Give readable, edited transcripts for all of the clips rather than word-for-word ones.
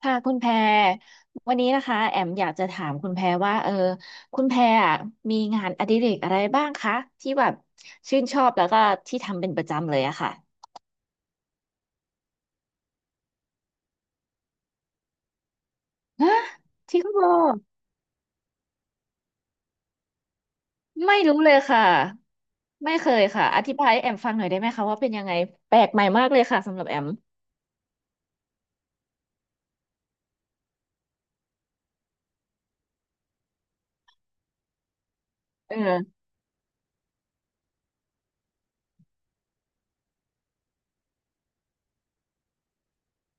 ค่ะคุณแพรวันนี้นะคะแอมอยากจะถามคุณแพรว่าคุณแพรอะมีงานอดิเรกอะไรบ้างคะที่แบบชื่นชอบแล้วก็ที่ทำเป็นประจำเลยอะค่ะฮะทริงเหรอไม่รู้เลยค่ะไม่เคยค่ะอธิบายให้แอมฟังหน่อยได้ไหมคะว่าเป็นยังไงแปลกใหม่มากเลยค่ะสำหรับแอมเออ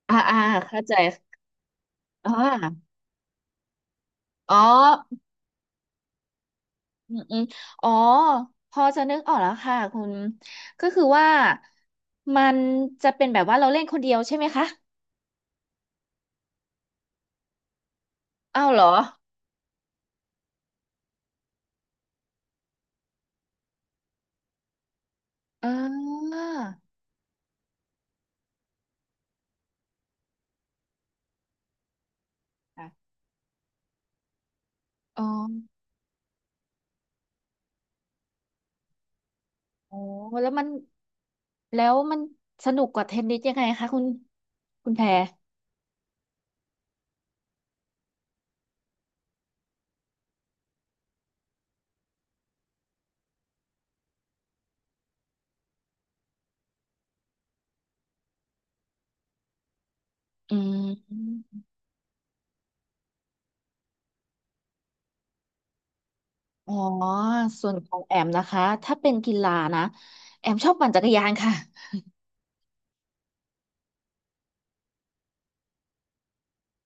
อ่าอ่าเข้าใจอ่าอ๋อ อืมอืมอ๋อพอจะนึกออกแล้วค่ะคุณก็คือว่ามันจะเป็นแบบว่าเราเล่นคนเดียวใช่ไหมคะอ้าวเหรออ่าค่ะอ๋อโอ้แล้วมันแล้วมันสนุกกว่าเทนนิสยังไงคะคุณคุณแพรอืมอ๋อส่วนของแอมนะคะถ้าเป็นกีฬานะแอมชอบปั่นจักรยานค่ะ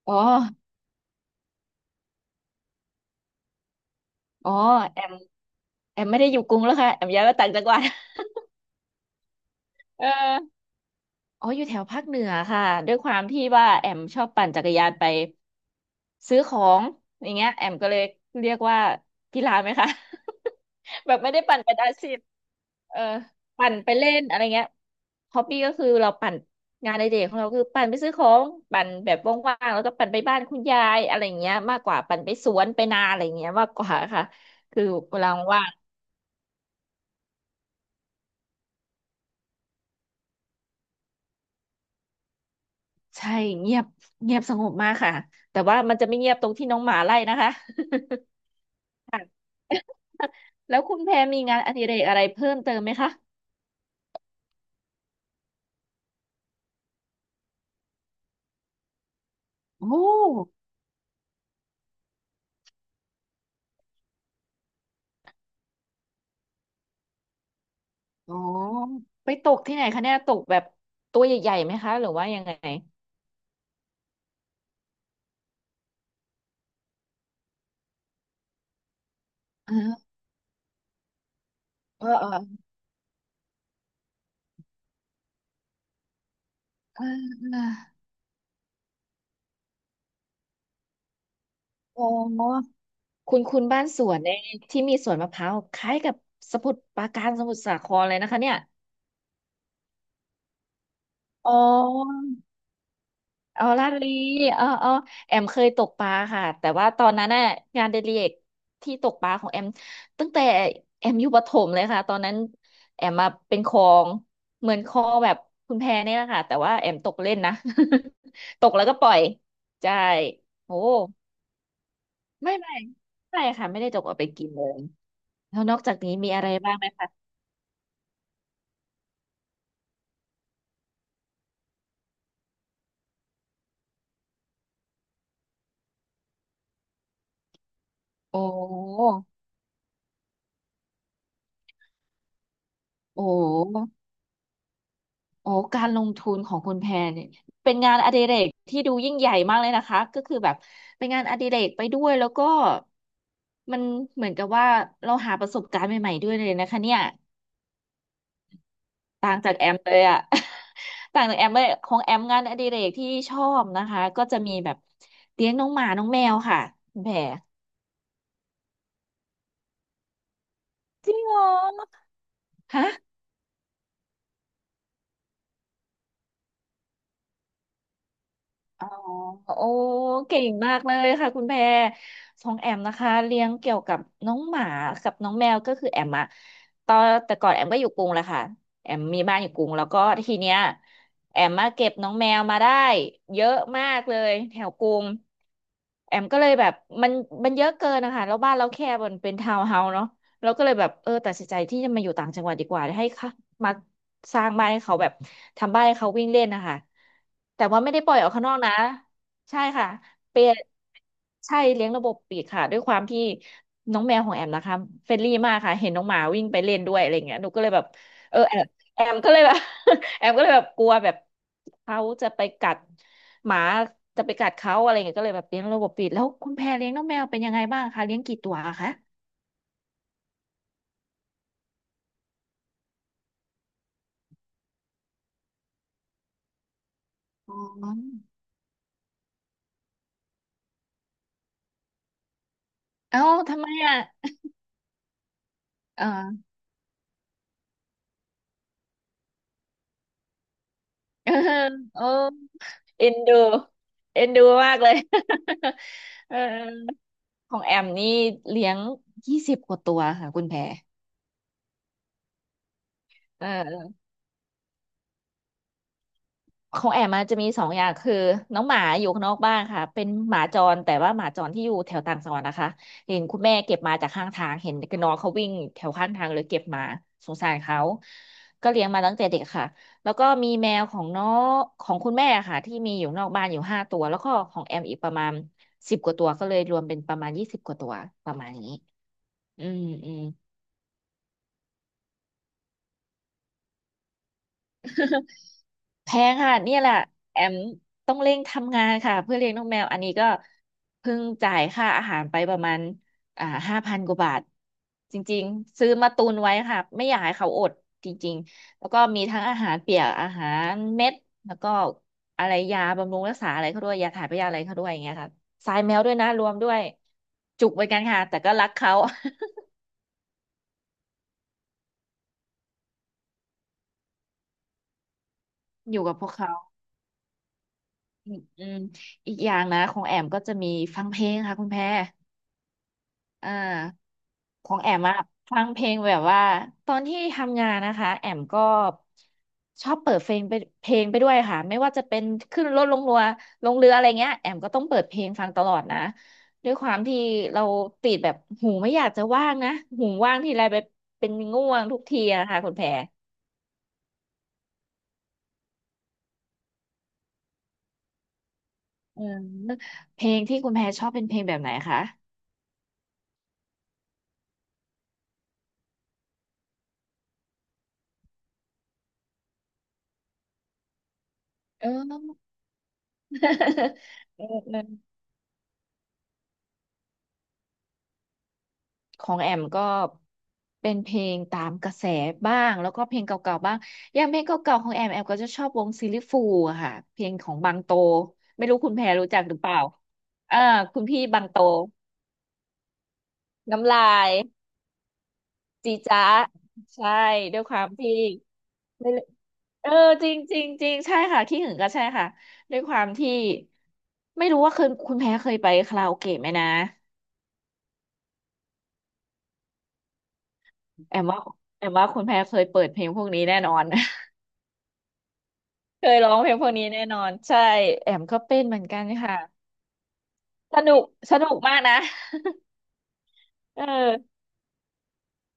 อ๋ออ๋อแอมแอมไม่ได้อยู่กรุงแล้วค่ะแอมย้ายมาต่างจังหวัดเออ อ๋ออยู่แถวภาคเหนือค่ะด้วยความที่ว่าแอมชอบปั่นจักรยานไปซื้อของอย่างเงี้ยแอมก็เลยเรียกว่ากีฬาไหมคะ แบบไม่ได้ปั่นเป็นอาชีพเออปั่นไปเล่นอะไรเงี้ยฮอบบี้ก็คือเราปั่นงานในเด็กของเราคือปั่นไปซื้อของปั่นแบบว่างๆแล้วก็ปั่นไปบ้านคุณยายอะไรเงี้ยมากกว่าปั่นไปสวนไปนาอะไรเงี้ยมากกว่าค่ะคือเวลาว่างใช่เงียบเงียบสงบมากค่ะแต่ว่ามันจะไม่เงียบตรงที่น้องหมาไล่นะคะ แล้วคุณแพรมีงานอดิเรกอะไรเพิ่มเติมไหมคะ โอ้อ๋อไปตกที่ไหนคะเนี่ยตกแบบตัวใหญ่ๆ ไหมคะ หรือว่ายังไงเออเออเออเออเออโอคุณคุณบ้านสวนในยที่มีสวนมะพร้าวคล้ายกับสมุทรปราการสมุทรสาครเลยนะคะเนี่ยอ๋อ เอาลาดลีเออเออแอมเคยตกปลาค่ะแต่ว่าตอนนั้นน่ะงานเดลิเอกที่ตกปลาของแอมตั้งแต่แอมอยู่ประถมเลยค่ะตอนนั้นแอมมาเป็นคลองเหมือนคลองแบบคุณแพเนี่ยแหละค่ะแต่ว่าแอมตกเล่นนะ ตกแล้วก็ปล่อยใช่โอ้ไม่ไม่ไม่ค่ะไม่ได้ตกเอาไปกินเลยแล้วนอกจากนี้มีอะไรบ้างไหมคะโอ้โหโอ้โห โอ้การลงทุนของคุณแพรเนี่ยเป็นงานอดิเรกที่ดูยิ่งใหญ่มากเลยนะคะก็คือแบบเป็นงานอดิเรกไปด้วยแล้วก็มันเหมือนกับว่าเราหาประสบการณ์ใหม่ๆด้วยเลยนะคะเนี่ยต่างจากแอมเลยอะ ต่างจากแอมเลยของแอมงานอดิเรกที่ชอบนะคะก็จะมีแบบเลี้ยงน้องหมาน้องแมวค่ะคุณแพรจริงเหรอฮะ อ๋อโอ้เก่งมากเลยค่ะคุณแพรของแอมนะคะเลี้ยงเกี่ยวกับน้องหมากับน้องแมวก็คือแอมอะตอนแต่ก่อนแอมก็อยู่กรุงแหละค่ะแอมมีบ้านอยู่กรุงแล้วก็ทีเนี้ยแอมมาเก็บน้องแมวมาได้เยอะมากเลยแถวกรุงแอมก็เลยแบบมันมันเยอะเกินนะคะแล้วบ้านเราแคบมันเป็นทาวน์เฮาส์เนาะ เราก็เลยแบบตัดสินใจที่จะมาอยู่ต่างจังหวัดดีกว่าให้ค่ะมาสร้างบ้านให้เขาแบบทำบ้านให้เขาวิ่งเล่นนะคะแต่ว่าไม่ได้ปล่อยออกข้างนอกนะใช่ค่ะเป็นใช่เลี้ยงระบบปิดค่ะด้วยความที่น้องแมวของแอมนะคะเฟรนลี่มากค่ะเห็นน้องหมาวิ่งไปเล่นด้วยอะไรเงี้ยหนูก็เลยแบบเออแอมแอมก็เลยแบบ แอมก็เลยแบบกลัวแบบเขาจะไปกัดหมาจะไปกัดเขาอะไรเงี้ยก็เลยแบบเลี้ยงระบบปิดแล้วคุณแพรเลี้ยงน้องแมวเป็นยังไงบ้างคะเลี้ยงกี่ตัวคะอ๋อ เอ้าทำไมอ่ะอ่าเออเออเอ็นดูเอ็นดูมากเลย เออของแอมนี่เลี้ยงยี่สิบกว่าตัวค่ะคุณแพรเออ ของแอมมันจะมี2 อย่างคือน้องหมาอยู่ข้างนอกบ้านค่ะเป็นหมาจรแต่ว่าหมาจรที่อยู่แถวต่างจังหวัดนะคะเห็นคุณแม่เก็บมาจากข้างทางเห็นน้องเขาวิ่งแถวข้างทางเลยเก็บมาสงสารเขาก็เลี้ยงมาตั้งแต่เด็กค่ะแล้วก็มีแมวของน้องของคุณแม่ค่ะที่มีอยู่นอกบ้านอยู่5 ตัวแล้วก็ของแอมอีกประมาณสิบกว่าตัวก็เลยรวมเป็นประมาณยี่สิบกว่าตัวประมาณนี้อืมอืม แพงค่ะเนี่ยแหละแอมต้องเร่งทำงานค่ะเพื่อเลี้ยงน้องแมวอันนี้ก็เพิ่งจ่ายค่าอาหารไปประมาณ5 พันกว่าบาทจริงๆซื้อมาตุนไว้ค่ะไม่อยากให้เขาอดจริงๆแล้วก็มีทั้งอาหารเปียกอาหารเม็ดแล้วก็อะไรยาบำรุงรักษาอะไรเขาด้วยยาถ่ายพยาธิอะไรเขาด้วยอย่างเงี้ยค่ะทรายแมวด้วยนะรวมด้วยจุกเหมือนกันค่ะแต่ก็รักเขา อยู่กับพวกเขาอืมอืมอีกอย่างนะของแอมก็จะมีฟังเพลงค่ะคุณแพร อ่าของแอมอะฟังเพลงแบบว่าตอนที่ทำงานนะคะแอมก็ชอบเปิดเพลงไปด้วยค่ะไม่ว่าจะเป็นขึ้นรถลงเรือลงเรืออะไรเงี้ยแอมก็ต้องเปิดเพลงฟังตลอดนะด้วยความที่เราติดแบบหูไม่อยากจะว่างนะหูว่างทีไรไปเป็นง่วงทุกทีอะค่ะคุณแพรเออเพลงที่คุณแพรชอบเป็นเพลงแบบไหนคะเออ เออ ของแอมก็เป็นเพลงตามกระแสบ้างแล้วก็เพลงเก่าๆบ้างอย่างเพลงเก่าๆของแอมแอมก็จะชอบวงซิลลี่ฟูลอะค่ะเพลงของบางโตไม่รู้คุณแพรรู้จักหรือเปล่าอ่าคุณพี่บางโตน้ำลายจีจ๊ะใช่ด้วยความที่ไม่รู้เออจริงจริงจริงใช่ค่ะขี้หึงก็ใช่ค่ะด้วยความที่ไม่รู้ว่าเคยคุณแพ้เคยไปคาราโอเกะไหมนะแอมว่าแอมว่าคุณแพ้เคยเปิดเพลงพวกนี้แน่นอน เคยร้องเพลงพวกนี้แน่นอนใช่แอมก็เป็นเหมือนกันค่ะสนุกสนุกมากนะเออ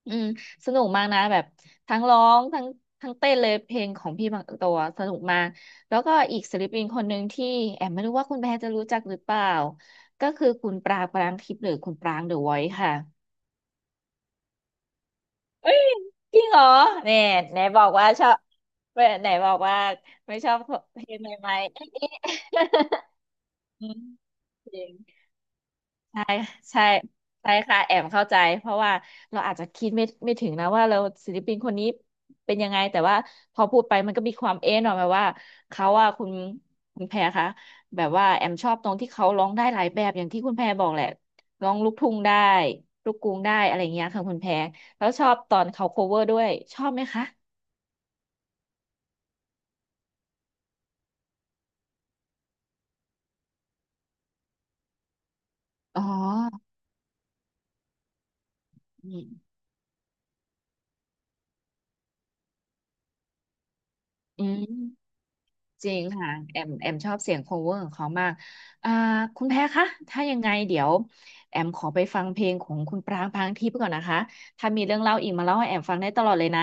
อืมสนุกมากนะแบบทั้งร้องทั้งเต้นเลยเพลงของพี่บางตัวสนุกมากแล้วก็อีกศิลปินคนหนึ่งที่แอมไม่รู้ว่าคุณแพรจะรู้จักหรือเปล่าก็คือคุณปรางปรางทิพย์หรือคุณปรางเดอะวอยซ์ค่ะเอ้ยจริงเหรอเนี่ยไหนบอกว่าชอบไหนบอกว่าไม่ชอบเพลงใหม่ๆ อืมจริง ใช่ใช่ใช่ค่ะแอมเข้าใจเพราะว่าเราอาจจะคิดไม่ถึงนะว่าเราศิลปินคนนี้เป็นยังไงแต่ว่าพอพูดไปมันก็มีความเอ๊ะหน่อยแบบว่าเขาว่าคุณแพรคะแบบว่าแอมชอบตรงที่เขาร้องได้หลายแบบอย่างที่คุณแพรบอกแหละร้องลูกทุ่งได้ลูกกรุงได้อะไรอย่างเงี้ยค่ะคุณแพรแล้วชอบตอนเขา cover ด้วยชอบไหมคะอ๋ออืมอืม จริงค่ะแอมแอมชอบเสียง cover ของเขามากอ่าคุณแพ้คะถ้ายังไงเดี๋ยวแอมขอไปฟังเพลงของคุณปรางพรางทิพย์ก่อนนะคะถ้ามีเรื่องเล่าอีกมาเล่าให้แอมฟังได้ตลอดเลยนะ